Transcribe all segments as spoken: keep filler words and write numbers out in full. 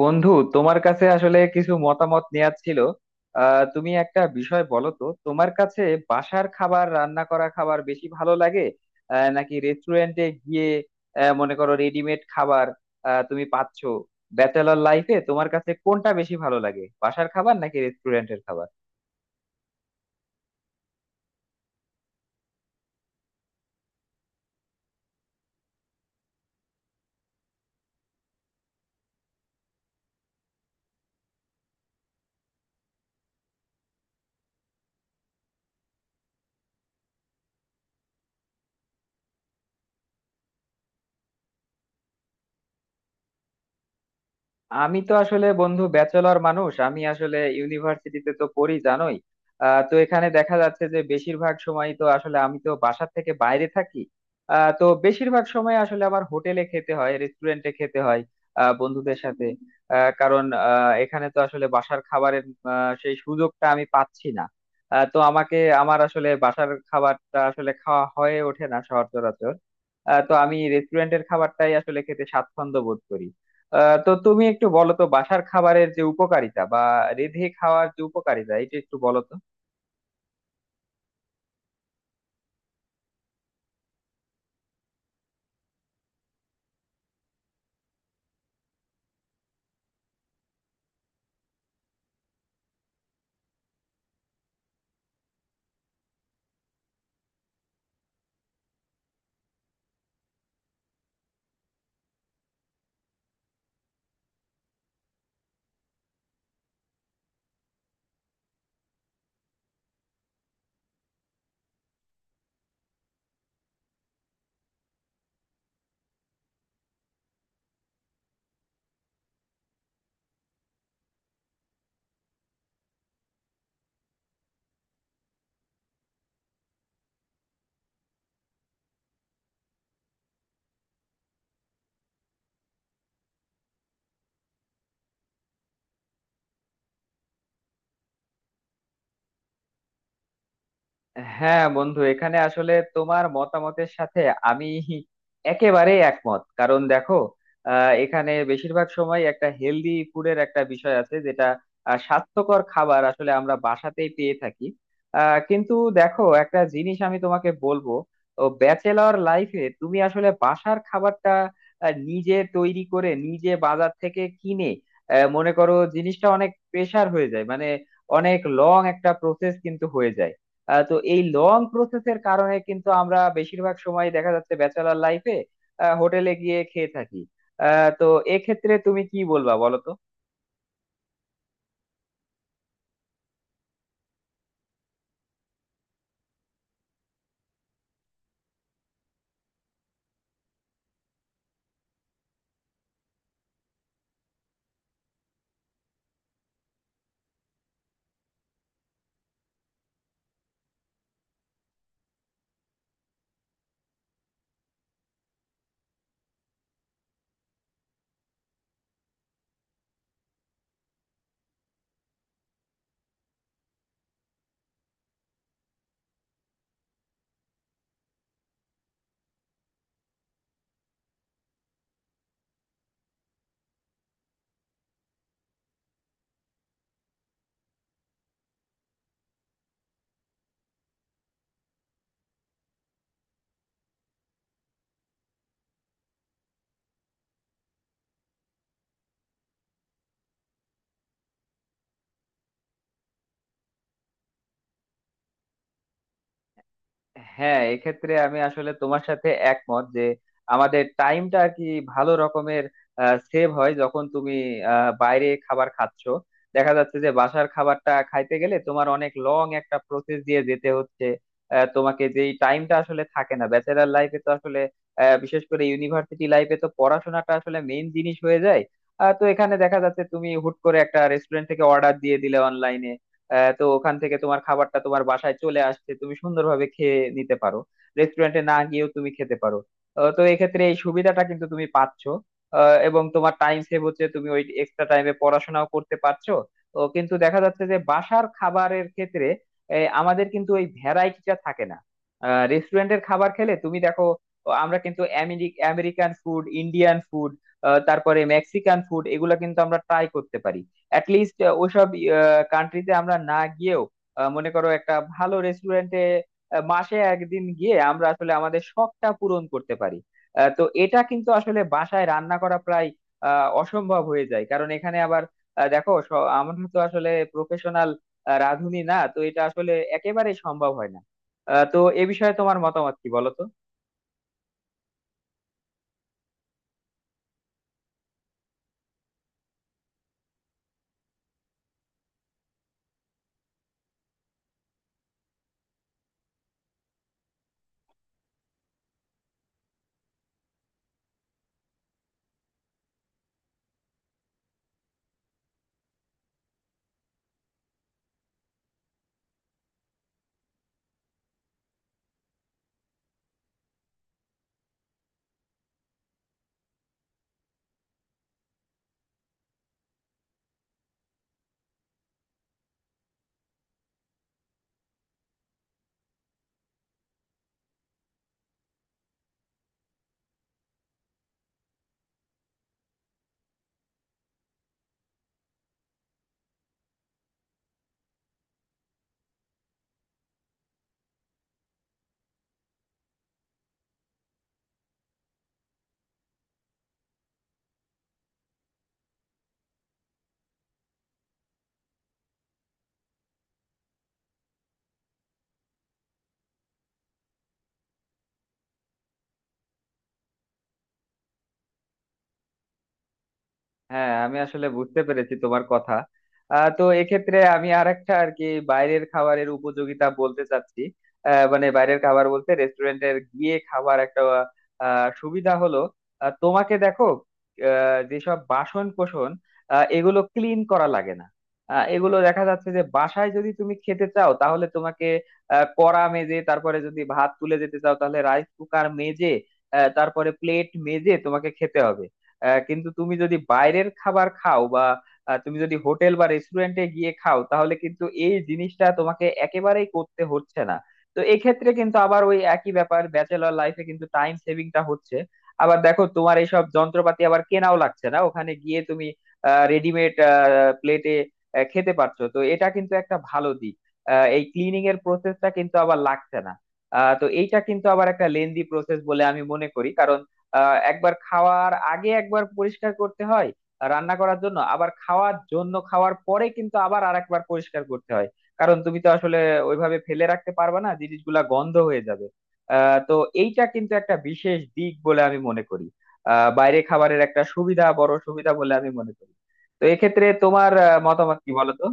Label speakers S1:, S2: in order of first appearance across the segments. S1: বন্ধু, তোমার কাছে আসলে কিছু মতামত নেওয়ার ছিল। আহ তুমি একটা বিষয় বলো তো, তোমার কাছে বাসার খাবার, রান্না করা খাবার বেশি ভালো লাগে, আহ নাকি রেস্টুরেন্টে গিয়ে, আহ মনে করো রেডিমেড খাবার আহ তুমি পাচ্ছ? ব্যাচেলর লাইফে তোমার কাছে কোনটা বেশি ভালো লাগে, বাসার খাবার নাকি রেস্টুরেন্টের খাবার? আমি তো আসলে বন্ধু ব্যাচেলর মানুষ, আমি আসলে ইউনিভার্সিটিতে তো পড়ি, জানোই। আহ, তো এখানে দেখা যাচ্ছে যে বেশিরভাগ সময় তো আসলে আমি তো বাসার থেকে বাইরে থাকি। আহ, তো বেশিরভাগ সময় আসলে আমার হোটেলে খেতে হয়, রেস্টুরেন্টে খেতে হয়, আহ, বন্ধুদের সাথে। আহ, কারণ আহ, এখানে তো আসলে বাসার খাবারের আহ, সেই সুযোগটা আমি পাচ্ছি না। আহ, তো আমাকে আমার আসলে বাসার খাবারটা আসলে খাওয়া হয়ে ওঠে না সচরাচর। আহ, তো আমি রেস্টুরেন্টের খাবারটাই আসলে খেতে স্বাচ্ছন্দ্য বোধ করি। আহ, তো তুমি একটু বলো তো, বাসার খাবারের যে উপকারিতা বা রেঁধে খাওয়ার যে উপকারিতা, এটা একটু বলো তো। হ্যাঁ বন্ধু, এখানে আসলে তোমার মতামতের সাথে আমি একেবারে একমত, কারণ দেখো আহ, এখানে বেশিরভাগ সময় একটা হেলদি ফুডের একটা বিষয় আছে, যেটা আহ, স্বাস্থ্যকর খাবার আসলে আমরা বাসাতেই পেয়ে থাকি। আহ, কিন্তু দেখো একটা জিনিস আমি তোমাকে বলবো, ও ব্যাচেলর লাইফে তুমি আসলে বাসার খাবারটা আহ, নিজে তৈরি করে, নিজে বাজার থেকে কিনে, আহ, মনে করো জিনিসটা অনেক প্রেসার হয়ে যায়, মানে অনেক লং একটা প্রসেস কিন্তু হয়ে যায়। আহ, তো এই লং প্রসেসের কারণে কিন্তু আমরা বেশিরভাগ সময় দেখা যাচ্ছে ব্যাচেলার লাইফে হোটেলে গিয়ে খেয়ে থাকি। আহ, তো এক্ষেত্রে তুমি কি বলবা বলো তো? হ্যাঁ এক্ষেত্রে আমি আসলে তোমার সাথে একমত যে আমাদের টাইমটা আর কি ভালো রকমের সেভ হয় যখন তুমি আহ, বাইরে খাবার খাচ্ছো। দেখা যাচ্ছে যে বাসার খাবারটা খাইতে গেলে তোমার অনেক লং একটা প্রসেস দিয়ে যেতে হচ্ছে। আহ, তোমাকে যেই টাইমটা আসলে থাকে না ব্যাচেলার লাইফে, তো আসলে আহ, বিশেষ করে ইউনিভার্সিটি লাইফে তো পড়াশোনাটা আসলে মেইন জিনিস হয়ে যায়। আহ, তো এখানে দেখা যাচ্ছে তুমি হুট করে একটা রেস্টুরেন্ট থেকে অর্ডার দিয়ে দিলে অনলাইনে, আহ, তো ওখান থেকে তোমার খাবারটা তোমার বাসায় চলে আসছে, তুমি সুন্দরভাবে খেয়ে নিতে পারো, রেস্টুরেন্টে না গিয়েও তুমি খেতে পারো। আহ, তো এক্ষেত্রে এই সুবিধাটা কিন্তু তুমি পাচ্ছ, আহ, এবং তোমার টাইম সেভ হচ্ছে, তুমি ওই এক্সট্রা টাইমে পড়াশোনাও করতে পারছো। তো কিন্তু দেখা যাচ্ছে যে বাসার খাবারের ক্ষেত্রে এই আমাদের কিন্তু ওই ভ্যারাইটিটা থাকে না। রেস্টুরেন্টের খাবার খেলে তুমি দেখো, ও আমরা কিন্তু আমেরি- আমেরিকান ফুড, ইন্ডিয়ান ফুড, তারপরে মেক্সিকান ফুড, এগুলো কিন্তু আমরা ট্রাই করতে পারি। অ্যাটলিস্ট ওইসব কান্ট্রিতে আমরা না গিয়েও আহ, মনে করো একটা ভালো রেস্টুরেন্টে মাসে একদিন গিয়ে আমরা আসলে আমাদের শখটা পূরণ করতে পারি। আহ, তো এটা কিন্তু আসলে বাসায় রান্না করা প্রায় আহ, অসম্ভব হয়ে যায়, কারণ এখানে আবার আহ, দেখো, স- আমরা তো আসলে প্রফেশনাল রাঁধুনি না, তো এটা আসলে একেবারেই সম্ভব হয় না। আহ, তো এ বিষয়ে তোমার মতামত কি বলো তো? হ্যাঁ আমি আসলে বুঝতে পেরেছি তোমার কথা। আহ, তো এক্ষেত্রে আমি আর একটা আর কি বাইরের খাবারের উপযোগিতা বলতে চাচ্ছি। আহ, মানে বাইরের খাবার বলতে রেস্টুরেন্টের গিয়ে খাবার একটা আহ, সুবিধা হলো আহ, তোমাকে দেখো আহ, যেসব বাসন কোসন আহ, এগুলো ক্লিন করা লাগে না। আহ, এগুলো দেখা যাচ্ছে যে বাসায় যদি তুমি খেতে চাও তাহলে তোমাকে আহ, কড়া মেজে, তারপরে যদি ভাত তুলে যেতে চাও তাহলে রাইস কুকার মেজে, আহ, তারপরে প্লেট মেজে তোমাকে খেতে হবে। আহ, কিন্তু তুমি যদি বাইরের খাবার খাও বা আহ, তুমি যদি হোটেল বা রেস্টুরেন্টে গিয়ে খাও, তাহলে কিন্তু এই জিনিসটা তোমাকে একেবারেই করতে হচ্ছে না। তো এক্ষেত্রে কিন্তু আবার ওই একই ব্যাপার, ব্যাচেলর লাইফে কিন্তু টাইম সেভিংটা হচ্ছে। আবার দেখো তোমার এইসব যন্ত্রপাতি আবার কেনাও লাগছে না, ওখানে গিয়ে তুমি রেডিমেড প্লেটে খেতে পারছো, তো এটা কিন্তু একটা ভালো দিক। আহ, এই ক্লিনিং এর প্রসেসটা কিন্তু আবার লাগছে না। আহ, তো এইটা কিন্তু আবার একটা লেন্দি প্রসেস বলে আমি মনে করি, কারণ আহ একবার খাওয়ার আগে একবার পরিষ্কার করতে হয় রান্না করার জন্য, আবার খাওয়ার জন্য, খাওয়ার পরে কিন্তু আবার আরেকবার পরিষ্কার করতে হয়, কারণ তুমি তো আসলে ওইভাবে ফেলে রাখতে পারবে না, জিনিসগুলা গন্ধ হয়ে যাবে। আহ তো এইটা কিন্তু একটা বিশেষ দিক বলে আমি মনে করি, আহ বাইরে খাবারের একটা সুবিধা, বড় সুবিধা বলে আমি মনে করি। তো এক্ষেত্রে তোমার আহ, মতামত কি বলো তো?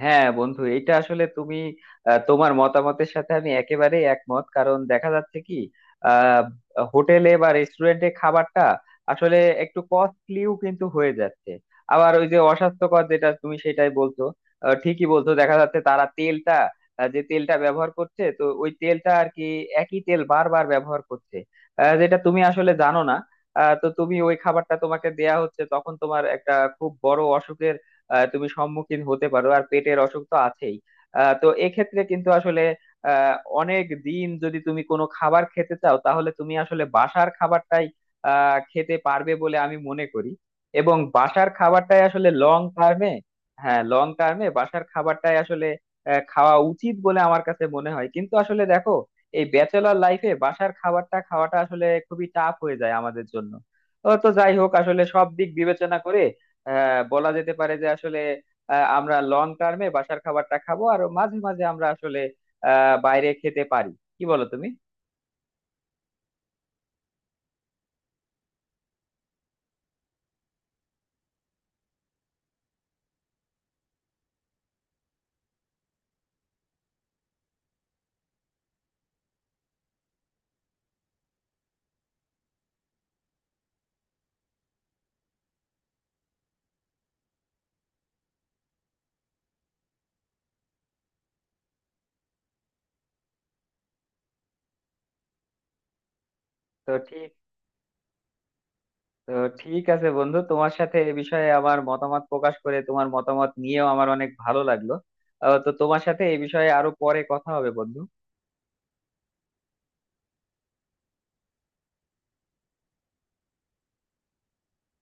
S1: হ্যাঁ বন্ধু, এটা আসলে তুমি আহ, তোমার মতামতের সাথে আমি একেবারে একমত, কারণ দেখা যাচ্ছে কি আহ, হোটেলে বা রেস্টুরেন্টে খাবারটা আসলে একটু কস্টলিও কিন্তু হয়ে যাচ্ছে। আবার ওই যে অস্বাস্থ্যকর, যেটা তুমি সেটাই বলছো, আহ, ঠিকই বলছো। দেখা যাচ্ছে তারা তেলটা আহ, যে তেলটা ব্যবহার করছে, তো ওই তেলটা আর কি একই তেল বারবার ব্যবহার করছে, আহ, যেটা তুমি আসলে জানো না। আহ, তো তুমি ওই খাবারটা তোমাকে দেয়া হচ্ছে, তখন তোমার একটা খুব বড় অসুখের আহ, তুমি সম্মুখীন হতে পারো, আর পেটের অসুখ তো আছেই। আহ, তো এক্ষেত্রে কিন্তু আসলে আহ, অনেক দিন যদি তুমি কোনো খাবার খেতে চাও, তাহলে তুমি আসলে বাসার খাবারটাই আহ, খেতে পারবে বলে আমি মনে করি। এবং বাসার খাবারটাই আসলে লং টার্মে, হ্যাঁ লং টার্মে বাসার খাবারটাই আসলে আহ, খাওয়া উচিত বলে আমার কাছে মনে হয়। কিন্তু আসলে দেখো, এই ব্যাচেলর লাইফে বাসার খাবারটা খাওয়াটা আসলে খুবই টাফ হয়ে যায় আমাদের জন্য। ও তো যাই হোক, আসলে সব দিক বিবেচনা করে হ্যাঁ বলা যেতে পারে যে আসলে আহ, আমরা লং টার্মে বাসার খাবারটা খাবো আর মাঝে মাঝে আমরা আসলে আহ বাইরে খেতে পারি। কি বলো তুমি? তো ঠিক, তো ঠিক আছে বন্ধু, তোমার সাথে এ বিষয়ে আমার মতামত প্রকাশ করে, তোমার মতামত নিয়েও আমার অনেক ভালো লাগলো। আহ, তো তোমার সাথে এই বিষয়ে আরো পরে কথা হবে বন্ধু।